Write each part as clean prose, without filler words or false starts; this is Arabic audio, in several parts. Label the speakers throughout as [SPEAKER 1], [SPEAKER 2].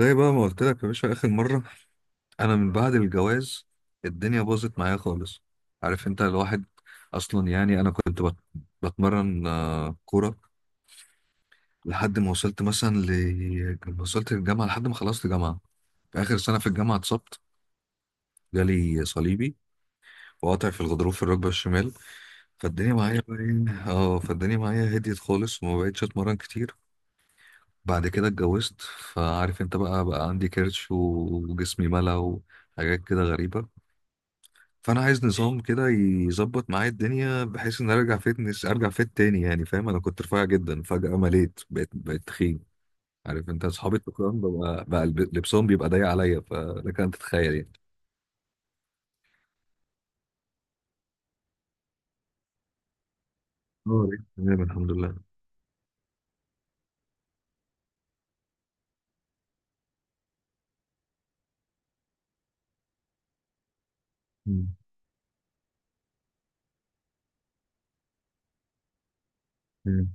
[SPEAKER 1] زي بقى ما قلت لك يا باشا، اخر مره، انا من بعد الجواز الدنيا باظت معايا خالص. عارف انت الواحد. اصلا يعني انا كنت بتمرن كوره لحد ما وصلت مثلا لما وصلت الجامعه لحد ما خلصت جامعه. في اخر سنه في الجامعه اتصبت، جالي صليبي وقطع في الغضروف في الركبه الشمال. فالدنيا معايا بقى إيه؟ اه، فالدنيا معايا هديت خالص وما بقتش اتمرن كتير. بعد كده اتجوزت، فعارف انت بقى عندي كرش وجسمي ملا وحاجات كده غريبة. فانا عايز نظام كده يظبط معايا الدنيا بحيث ان ارجع فيت تاني يعني فاهم. انا كنت رفيع جدا فجأة مليت، بقيت تخين. عارف انت اصحابي التخان ببقى بقى لبسهم بيبقى ضيق عليا، فلك ان تتخيل يعني. اه، بقيت تمام، الحمد لله. مم. مم.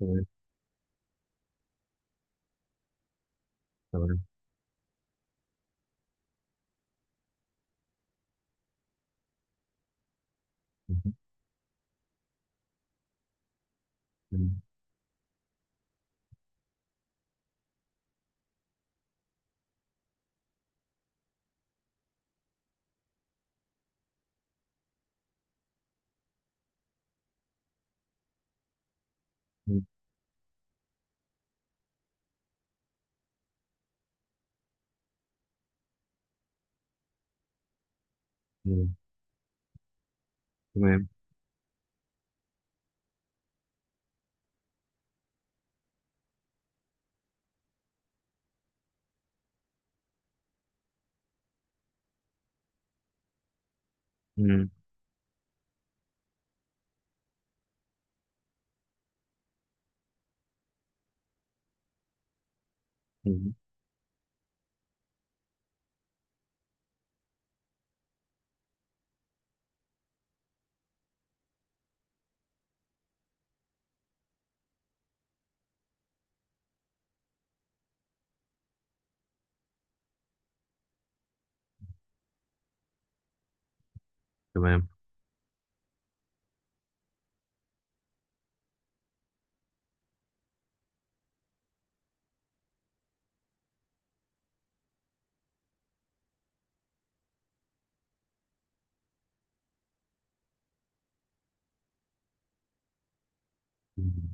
[SPEAKER 1] تمام. تمام. مم. مم. مم. تمام. مم. مم. تمام. مم.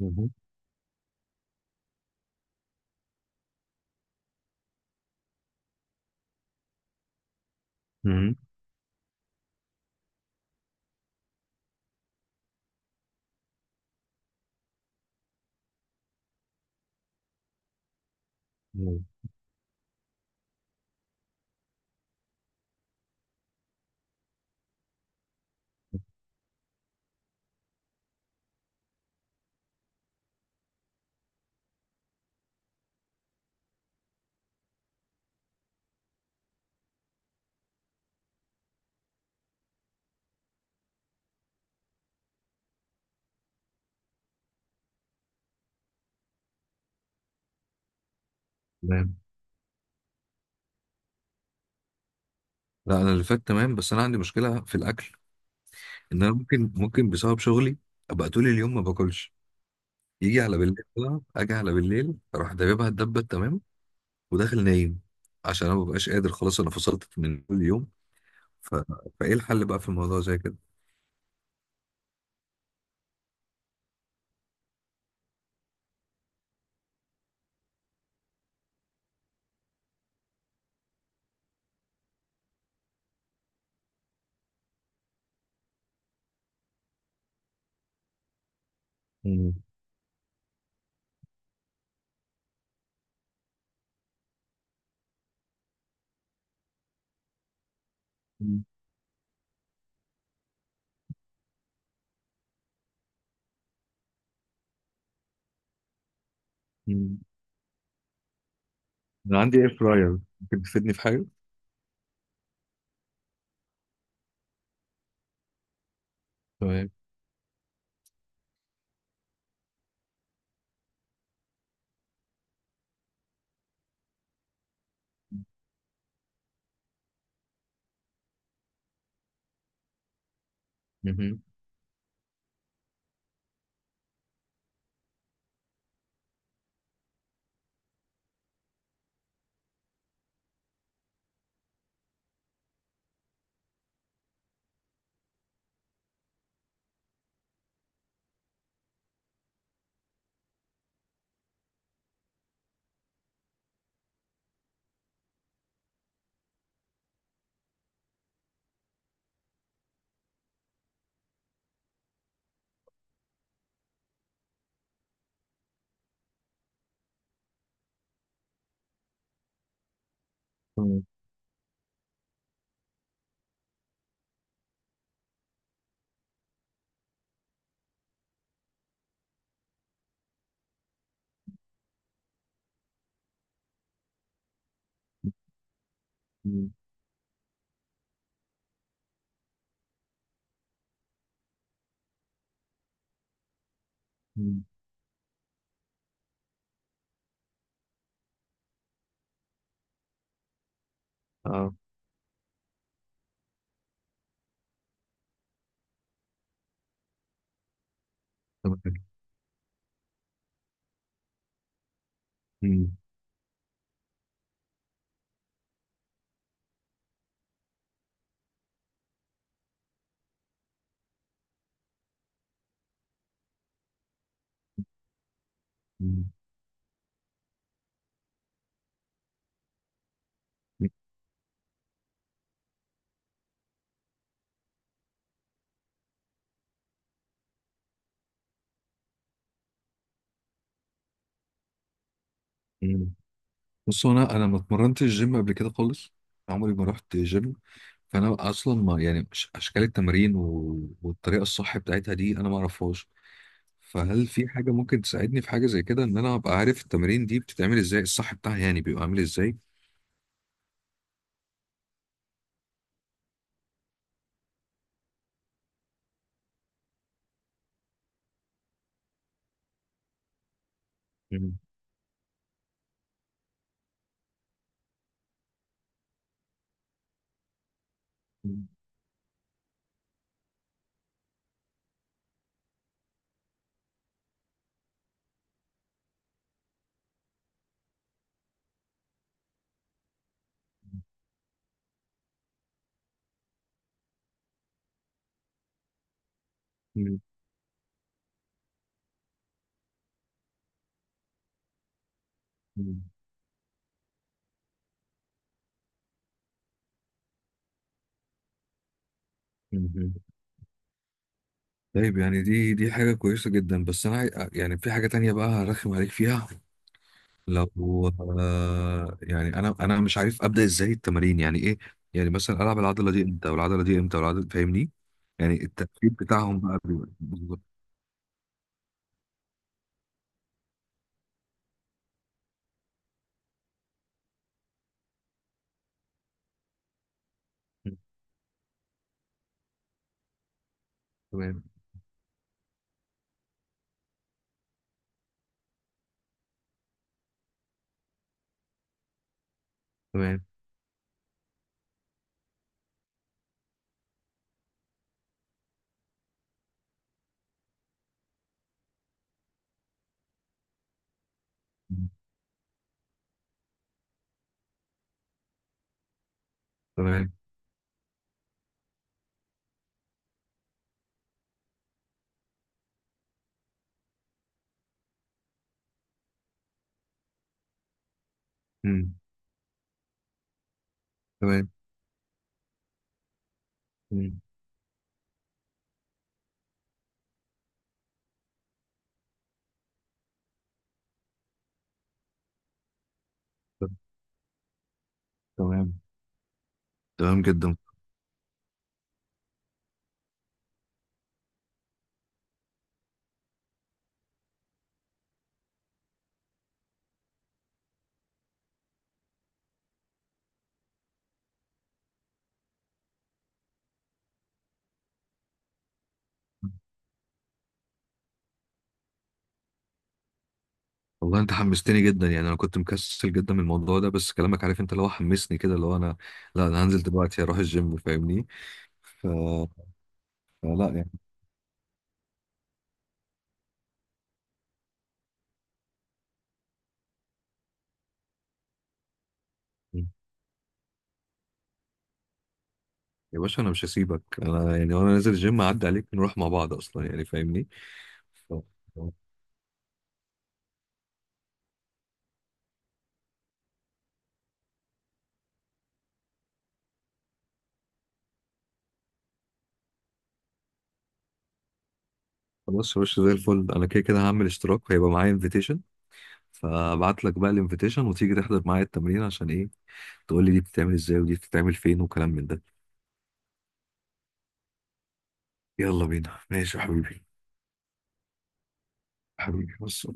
[SPEAKER 1] مم. مم. مم. تمام. لا، انا اللي فات تمام، بس انا عندي مشكلة في الاكل. ان انا ممكن بسبب شغلي ابقى طول اليوم ما باكلش. يجي على بالليل بقى، اجي على بالليل، اروح دببها الدبه تمام. وداخل نايم عشان انا مبقاش قادر خلاص، انا فصلت من كل يوم. ف... فايه الحل بقى في الموضوع زي كده؟ مم. مم. مم. انا عندي اير فراير، ممكن تفيدني في حاجه؟ تمام. مهم. تمام. مم. مم. اه. تمام. مم. مم. مم. بص، هو انا ما اتمرنتش جيم قبل كده خالص، عمري ما رحت جيم. فانا اصلا ما يعني اشكال التمارين والطريقه الصح بتاعتها دي انا ما اعرفهاش. فهل في حاجه ممكن تساعدني في حاجه زي كده، ان انا ابقى عارف التمارين دي بتتعمل ازاي، الصح بتاعها يعني بيبقى عامل ازاي؟ مم. مم. مم. مم. مم. طيب يعني دي حاجه كويسه جدا، بس انا يعني في حاجه تانية بقى هرخم عليك فيها. لو يعني انا مش عارف ابدا ازاي التمارين يعني ايه. يعني مثلا العب العضله دي امتى، والعضله دي امتى، والعضله فاهمني. يعني الترتيب بتاعهم بقى بيبقى بالظبط؟ مم. تمام. تمام. مم. تمام. مم. تمام. مم. ت- تمام. تمام جدا. والله انت حمستني جدا، يعني انا كنت مكسل جدا من الموضوع ده، بس كلامك عارف انت اللي هو حمسني كده اللي هو انا. لا، انا هنزل دلوقتي اروح الجيم فاهمني. ف... فلا يعني يا باشا، انا مش هسيبك، انا يعني وانا نازل الجيم اعدي عليك نروح مع بعض اصلا يعني فاهمني. ف- خلاص يا باشا، زي الفل، انا كده كده هعمل اشتراك هيبقى معايا انفيتيشن، فابعت لك بقى الانفيتيشن وتيجي تحضر معايا التمرين، عشان ايه؟ تقول لي دي بتتعمل ازاي ودي بتتعمل فين وكلام من ده. يلا بينا. ماشي يا حبيبي. حبيبي بص.